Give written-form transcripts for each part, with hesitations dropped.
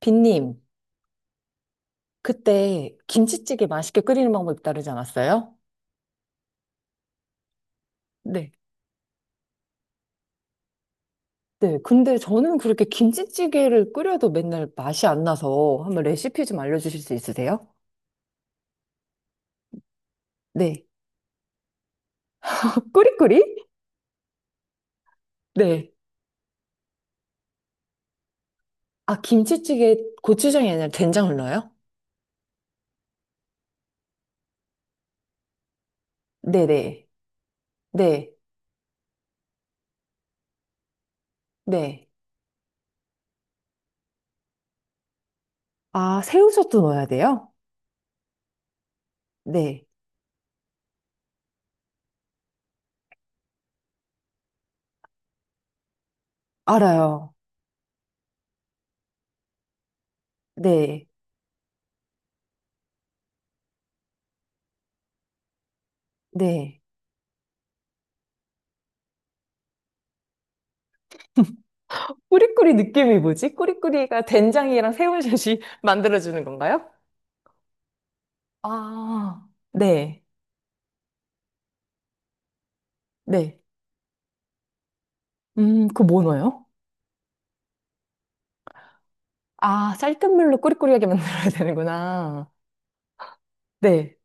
빈님, 그때 김치찌개 맛있게 끓이는 방법이 다르지 않았어요? 네. 네, 근데 저는 그렇게 김치찌개를 끓여도 맨날 맛이 안 나서 한번 레시피 좀 알려주실 수 있으세요? 네. 그 꾸리꾸리? 네. 아, 김치찌개 고추장이 아니라 된장을 넣어요? 네네. 네. 네. 아, 새우젓도 넣어야 돼요? 네. 알아요. 네. 네. 꾸리꾸리 느낌이 뭐지? 꾸리꾸리가 된장이랑 새우젓이 만들어주는 건가요? 아, 네, 네. 그 뭐넣어요? 아, 쌀뜨물로 꾸리꾸리하게 만들어야 되는구나. 네.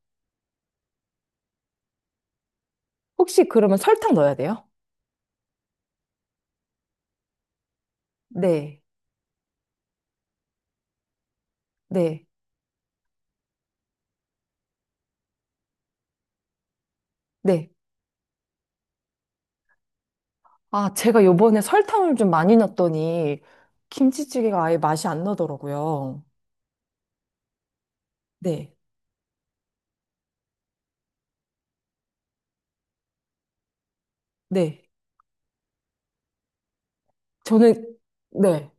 혹시 그러면 설탕 넣어야 돼요? 네, 네, 네. 아, 제가 요번에 설탕을 좀 많이 넣었더니 김치찌개가 아예 맛이 안 나더라고요. 네, 네. 저는, 네.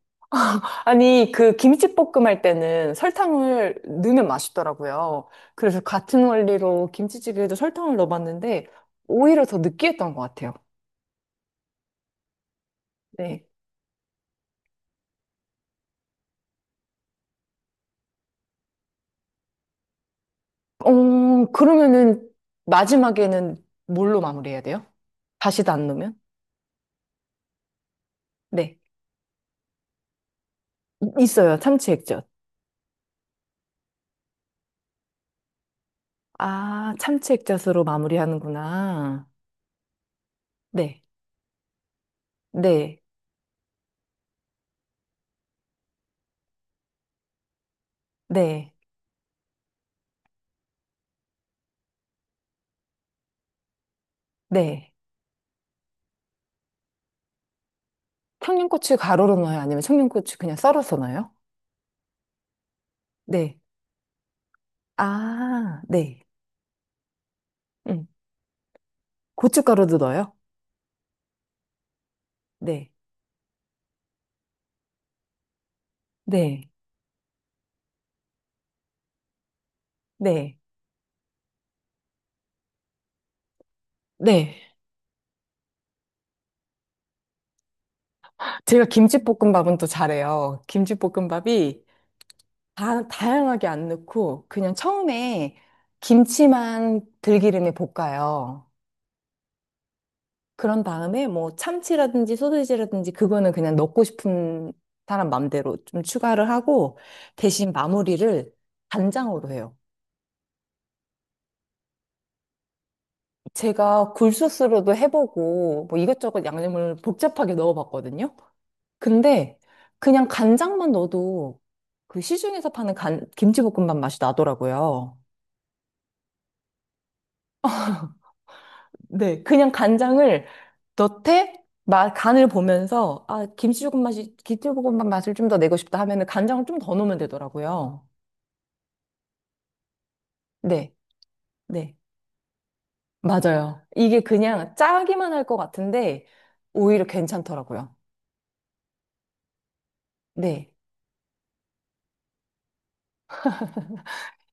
아니, 그 김치볶음 할 때는 설탕을 넣으면 맛있더라고요. 그래서 같은 원리로 김치찌개에도 설탕을 넣어봤는데 오히려 더 느끼했던 것 같아요. 네. 어, 그러면은 마지막에는 뭘로 마무리해야 돼요? 다시도 안 넣으면? 네. 있어요. 참치 액젓. 아, 참치 액젓으로 마무리하는구나. 네. 네. 네. 네. 청양고추 가루로 넣어요? 아니면 청양고추 그냥 썰어서 넣어요? 네. 아, 네. 음. 고춧가루도 넣어요? 네. 네. 네. 네. 제가 김치볶음밥은 또 잘해요. 김치볶음밥이 다양하게 안 넣고 그냥 처음에 김치만 들기름에 볶아요. 그런 다음에 뭐 참치라든지 소시지라든지 그거는 그냥 넣고 싶은 사람 맘대로 좀 추가를 하고 대신 마무리를 간장으로 해요. 제가 굴소스로도 해보고 뭐 이것저것 양념을 복잡하게 넣어봤거든요. 근데 그냥 간장만 넣어도 그 시중에서 파는 김치볶음밥 맛이 나더라고요. 네, 그냥 간장을 넣되 간을 보면서 아, 김치 조금 맛이 김치볶음밥 맛을 좀 더 내고 싶다 하면은 간장을 좀 더 넣으면 되더라고요. 네, 네, 맞아요. 이게 그냥 짜기만 할 것 같은데 오히려 괜찮더라고요. 네,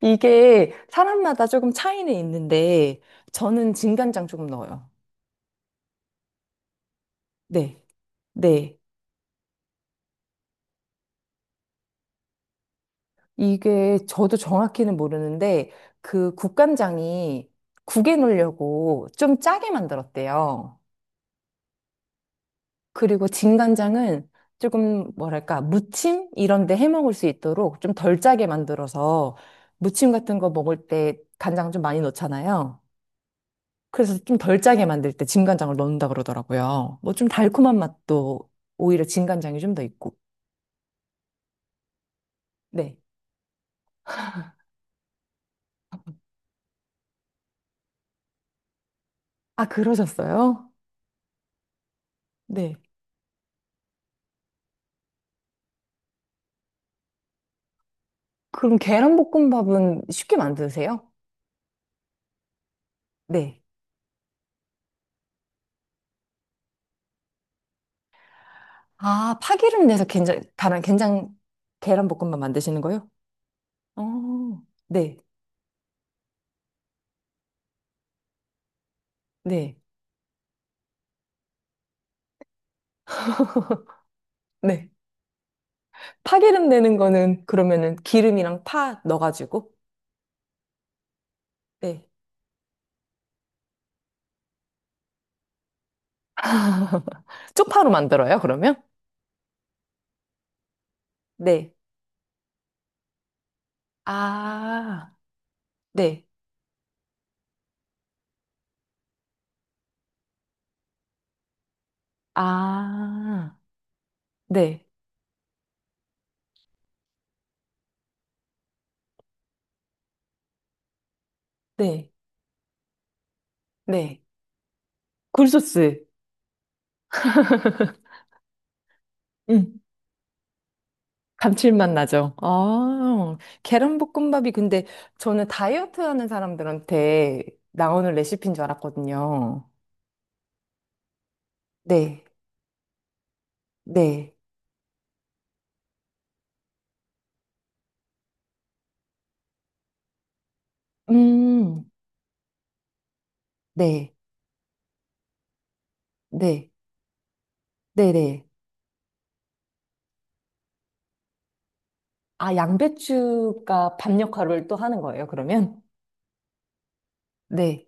이게 사람마다 조금 차이는 있는데 저는 진간장 조금 넣어요. 네, 네. 이게 저도 정확히는 모르는데 그 국간장이 국에 넣으려고 좀 짜게 만들었대요. 그리고 진간장은 조금 뭐랄까 무침 이런 데 해 먹을 수 있도록 좀 덜 짜게 만들어서 무침 같은 거 먹을 때 간장 좀 많이 넣잖아요. 그래서 좀 덜 짜게 만들 때 진간장을 넣는다 그러더라고요. 뭐 좀 달콤한 맛도 오히려 진간장이 좀 더 있고. 네. 아, 그러셨어요? 네. 그럼 계란볶음밥은 쉽게 만드세요? 네. 아, 파기름 내서 된장, 계란볶음밥 만드시는 거요? 어, 네. 네. 네. 파기름 내는 거는 그러면은 기름이랑 파 넣어가지고. 네. 쪽파로 만들어요, 그러면? 네. 아, 네. 아, 네. 네. 네. 굴소스. 음. 감칠맛 나죠? 아, 계란볶음밥이 근데 저는 다이어트 하는 사람들한테 나오는 레시피인 줄 알았거든요. 네, 네, 음, 네, 네, 네네, 아, 양배추가 밥 역할을 또 하는 거예요, 그러면? 네,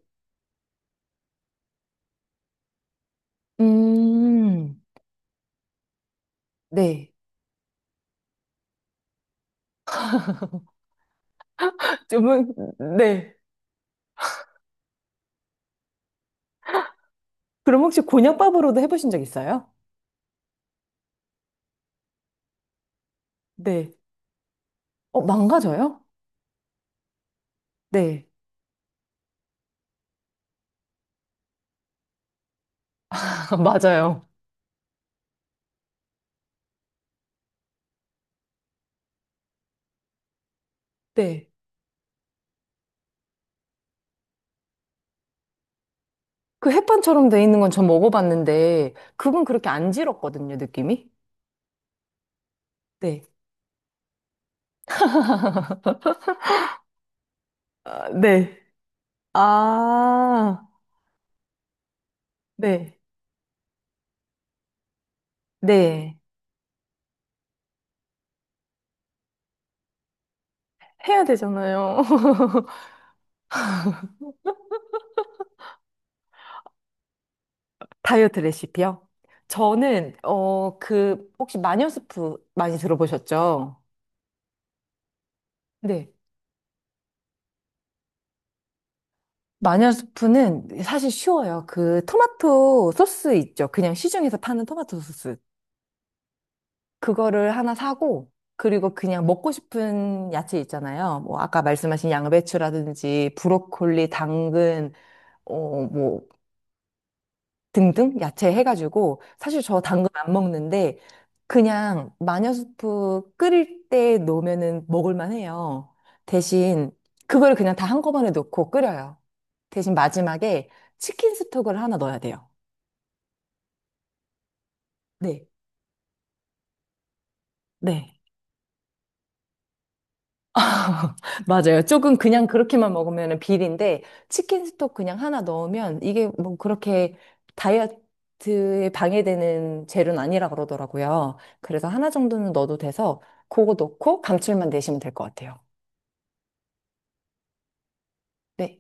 음, 네. 좀, 네. 그럼 혹시 곤약밥으로도 해보신 적 있어요? 네, 어, 망가져요? 네, 맞아요. 네. 그 햇반처럼 돼 있는 건 전 먹어봤는데, 그건 그렇게 안 질었거든요, 느낌이. 네, 아, 네. 아, 네. 네. 해야 되잖아요. 다이어트 레시피요? 저는, 혹시 마녀스프 많이 들어보셨죠? 네. 마녀스프는 사실 쉬워요. 그 토마토 소스 있죠. 그냥 시중에서 파는 토마토 소스. 그거를 하나 사고, 그리고 그냥 먹고 싶은 야채 있잖아요. 뭐, 아까 말씀하신 양배추라든지, 브로콜리, 당근, 어, 뭐, 등등 야채 해가지고 사실 저 당근 안 먹는데 그냥 마녀수프 끓일 때 넣으면은 먹을만 해요. 대신 그걸 그냥 다 한꺼번에 넣고 끓여요. 대신 마지막에 치킨 스톡을 하나 넣어야 돼요. 네. 네. 맞아요. 조금 그냥 그렇게만 먹으면 비린데 치킨 스톡 그냥 하나 넣으면 이게 뭐 그렇게 다이어트에 방해되는 재료는 아니라 그러더라고요. 그래서 하나 정도는 넣어도 돼서 그거 넣고 감칠맛 내시면 될 것 같아요. 네.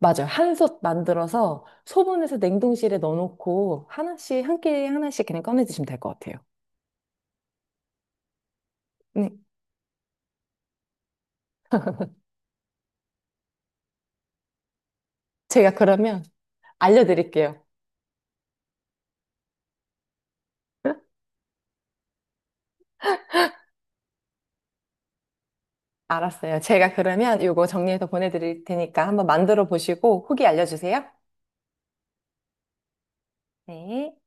맞아요. 한솥 만들어서 소분해서 냉동실에 넣어놓고 하나씩 한 끼 하나씩 그냥 꺼내 드시면 될 것 같아요. 네. 제가 그러면 알려드릴게요. 알았어요. 제가 그러면 이거 정리해서 보내드릴 테니까 한번 만들어 보시고 후기 알려주세요. 네.